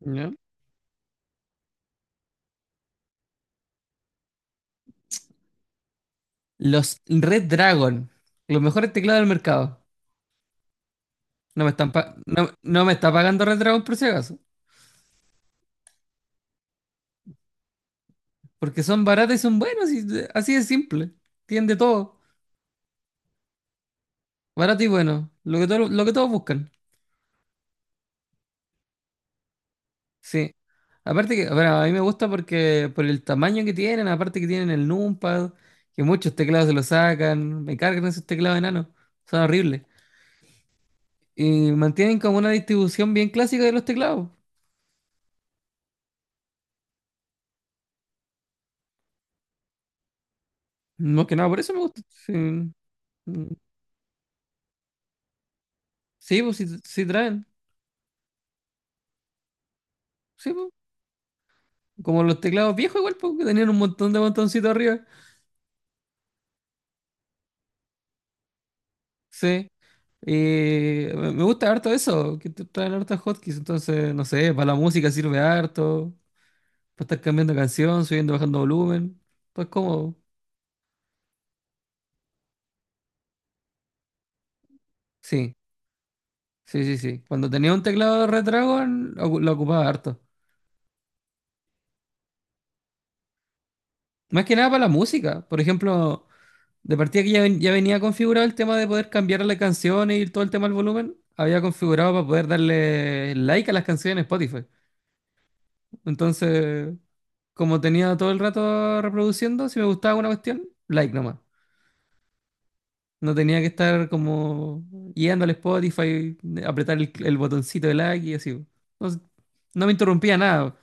¿Ya? Los Red Dragon, los mejores teclados del mercado. No me está pagando Red Dragon por si acaso. Porque son baratos y son buenos, así de simple. Tienen de todo. Barato y bueno. Lo que todos buscan. Sí. Aparte que, bueno, a mí me gusta porque por el tamaño que tienen, aparte que tienen el numpad, que muchos teclados se lo sacan, me cargan esos teclados enanos, son horribles. Y mantienen como una distribución bien clásica de los teclados. No que nada, por eso me gusta. Sí. Sí, pues sí, sí traen. Sí, pues. Como los teclados viejos igual, pues, que tenían un montón de botoncitos arriba. Sí. Y me gusta harto eso, que te traen hartos hotkeys. Entonces, no sé, para la música sirve harto. Para estar cambiando canción, subiendo, bajando volumen. Pues cómodo. Sí, sí, sí, sí. Cuando tenía un teclado de Red Dragon, lo ocupaba harto. Más que nada para la música. Por ejemplo, de partida que ya, ya venía configurado el tema de poder cambiar las canciones y todo el tema del volumen, había configurado para poder darle like a las canciones en Spotify. Entonces, como tenía todo el rato reproduciendo, si me gustaba una cuestión, like nomás. No tenía que estar como yendo al Spotify, apretar el botoncito de like y así. No, no me interrumpía nada.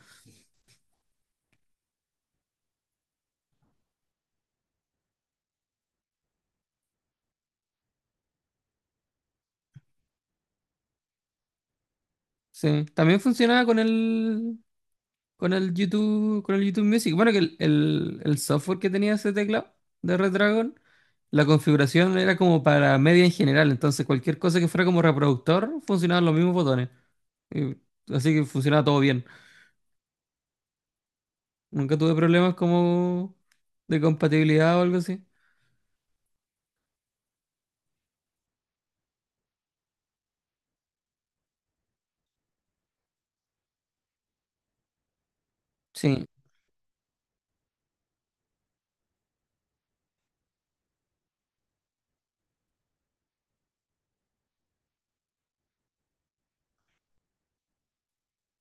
Sí. También funcionaba con el YouTube, con el YouTube Music. Bueno, que el software que tenía ese teclado de Redragon, la configuración era como para media en general, entonces cualquier cosa que fuera como reproductor funcionaban los mismos botones. Y- Así que funcionaba todo bien. Nunca tuve problemas como de compatibilidad o algo así. Sí,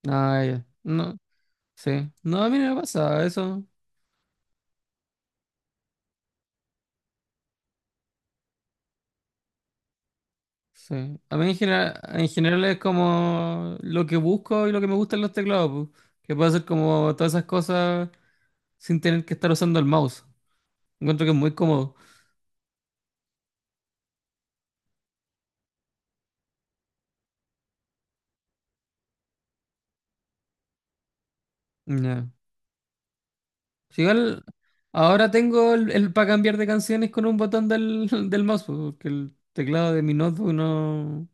ah, ya. No, sí. No, a mí no me pasa eso. Sí. A mí en general es como lo que busco y lo que me gustan los teclados, pues. Que puede ser como todas esas cosas sin tener que estar usando el mouse. Encuentro que es muy cómodo. Ya. Si igual, ahora tengo para cambiar de canciones con un botón del, del mouse, pues, porque el teclado de mi notebook no,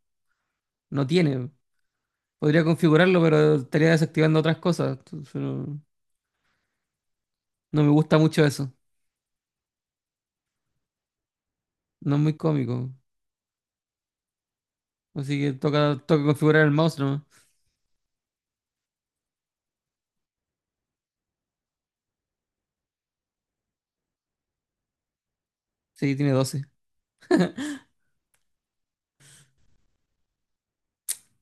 no tiene. Podría configurarlo, pero estaría desactivando otras cosas. Entonces, no, no me gusta mucho eso. No es muy cómico. Así que toca, toca configurar el mouse nomás. Sí, tiene 12.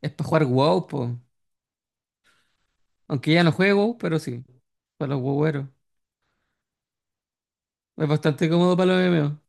Es para jugar WoW, po. Aunque ya no juego WoW, pero sí, para los WoWeros. Es bastante cómodo para los MMO.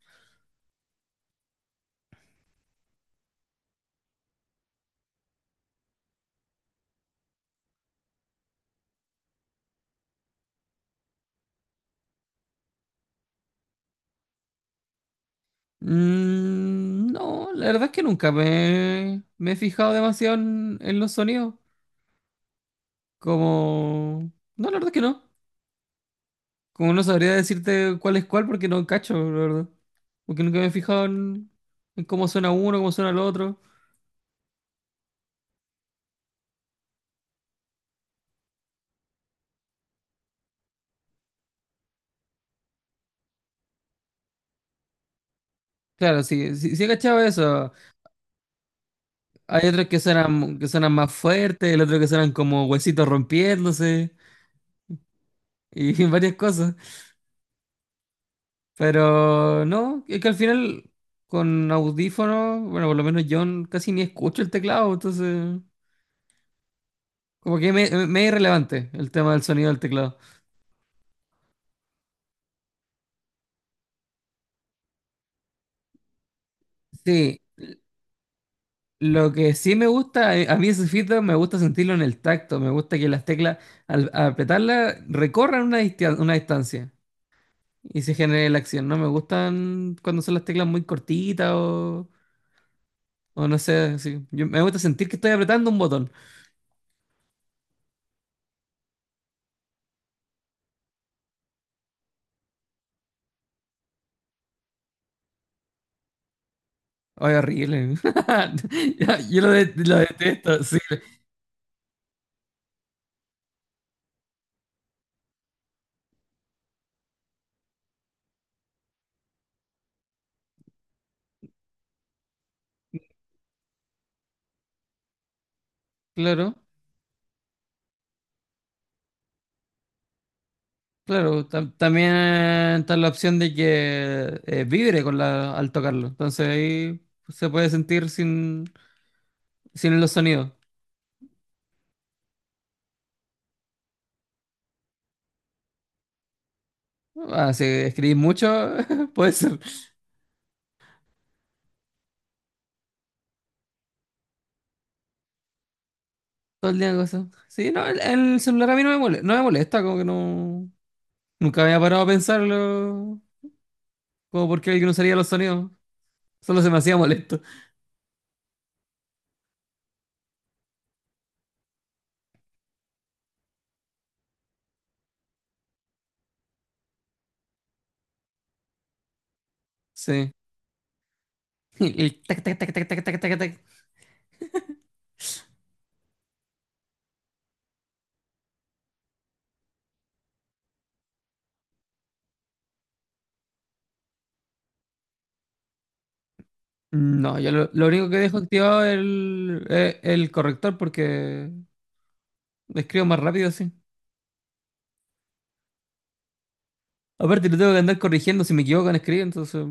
No, la verdad es que nunca me he fijado demasiado en los sonidos. Como... No, la verdad es que no. Como no sabría decirte cuál es cuál porque no cacho, la verdad. Porque nunca me he fijado en cómo suena uno, cómo suena el otro. Claro, sí, sí, sí he cachado eso. Hay otros que suenan más fuertes, el otro que suenan como huesitos rompiéndose y varias cosas. Pero no, es que al final con audífonos, bueno, por lo menos yo casi ni escucho el teclado, entonces como que me es irrelevante el tema del sonido del teclado. Sí, lo que sí me gusta, a mí ese feedback me gusta sentirlo en el tacto, me gusta que las teclas al apretarlas recorran una distancia y se genere la acción. No me gustan cuando son las teclas muy cortitas o no sé, sí. Me gusta sentir que estoy apretando un botón. Ay, horrible. Ya, yo lo detesto, sí. Claro, claro. También está la opción de que vibre al tocarlo. Entonces ahí se puede sentir sin los sonidos. Ah, si escribís mucho, puede ser. Todo el día cosas. Sí, no, el celular a mí no me molesta, no me molesta, como que no. Nunca me había parado a pensarlo. Como por qué alguien usaría los sonidos. Solo se me hacía molesto. Sí. El tac, tac, tac, tac, tac, tac, tac, tac. No, lo único que dejo activado es el corrector porque escribo más rápido así. Aparte, lo tengo que andar corrigiendo si me equivoco en escribir, entonces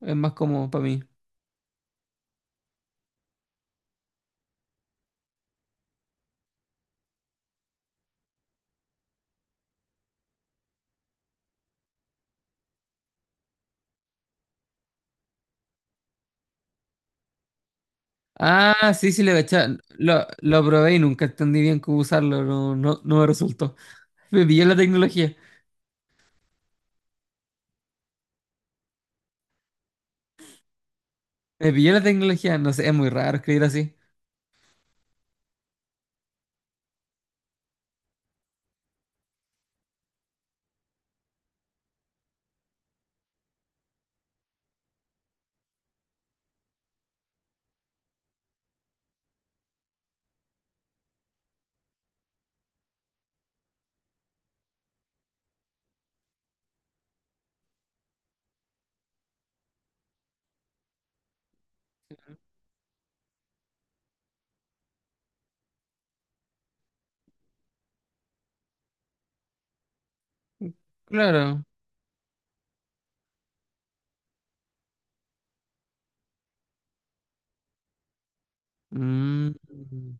es más cómodo para mí. Ah, sí, sí, le cachaba. Lo probé y nunca entendí bien cómo usarlo, no, no, no me resultó. Me pilló la tecnología. Me pilló la tecnología, no sé, es muy raro escribir así. Claro. Mm,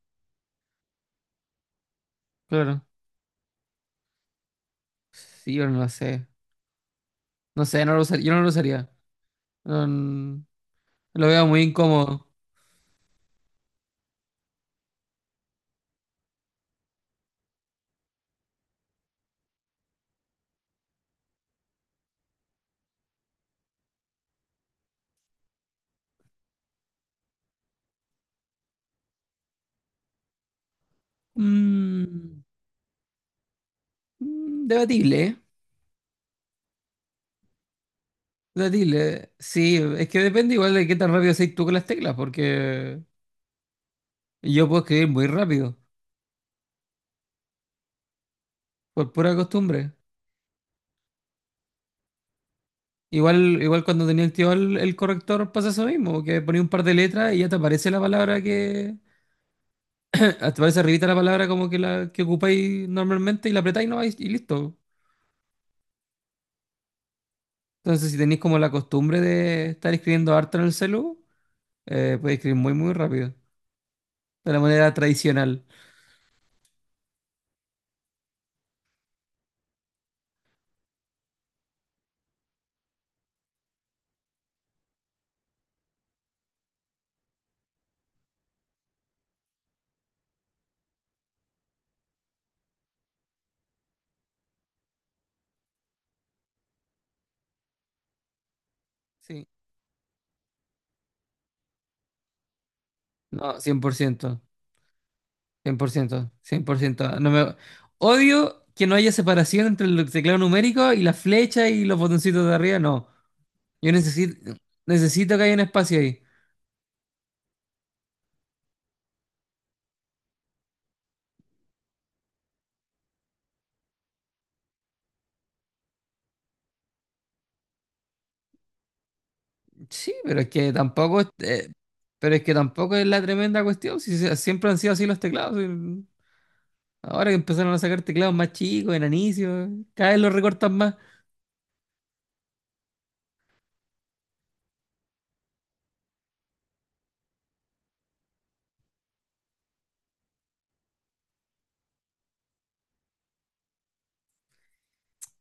claro. Sí, yo no sé. No sé, no lo usaría, yo no lo usaría. No, no, lo veo muy incómodo. Mm. Debatible, ¿eh? Debatible. Sí, es que depende igual de qué tan rápido seas tú con las teclas, porque yo puedo escribir muy rápido, por pura costumbre. Igual, cuando tenía activado el corrector pasa eso mismo, que ponía un par de letras y ya te aparece la palabra que... Te aparece arribita la palabra como que la que ocupáis normalmente y la apretáis no, y listo. Entonces si tenéis como la costumbre de estar escribiendo harto en el celu, podéis escribir muy muy rápido, de la manera tradicional. Sí. No, 100%. Cien por ciento. Odio que no haya separación entre el teclado numérico y la flecha y los botoncitos de arriba. No, yo necesito, que haya un espacio ahí. Sí, pero es que tampoco, pero es que tampoco es la tremenda cuestión. Siempre han sido así los teclados. Y ahora que empezaron a sacar teclados más chicos, enanicios, cada vez los recortan más.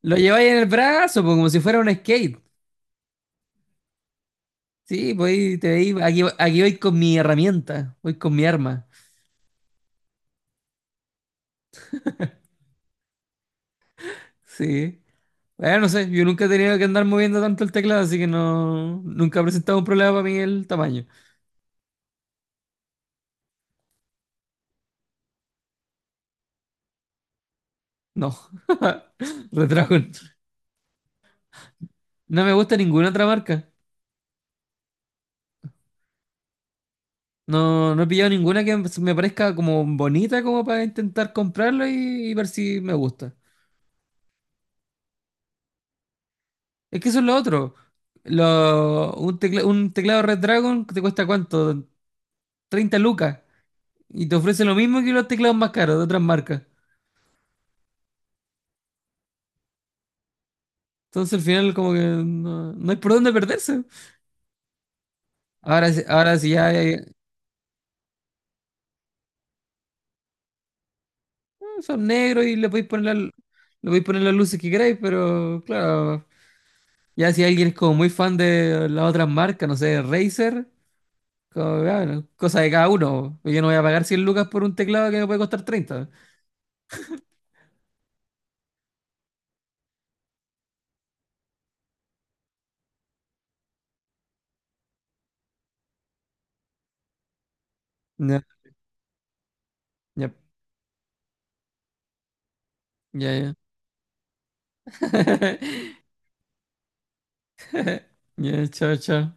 Lo lleváis en el brazo, pues, como si fuera un skate. Sí, pues ahí te veis, aquí, aquí voy con mi herramienta, voy con mi arma. Sí. No sé, yo nunca he tenido que andar moviendo tanto el teclado, así que no, nunca ha presentado un problema para mí el tamaño. No, Redragon. No me gusta ninguna otra marca. No, no he pillado ninguna que me parezca como bonita como para intentar comprarlo y ver si me gusta. Es que eso es lo otro. Un teclado Redragon te cuesta, ¿cuánto? 30 lucas. Y te ofrece lo mismo que los teclados más caros de otras marcas. Entonces al final como que no, no hay por dónde perderse. Ahora, ahora si ya hay. Son negros y le podéis poner las luces que queráis, pero claro, ya si alguien es como muy fan de las otras marcas, no sé, Razer, como, ya, bueno, cosa de cada uno. Yo no voy a pagar 100 lucas por un teclado que me puede costar 30. Ya, ya, ya, ya. Ya, chao, chao.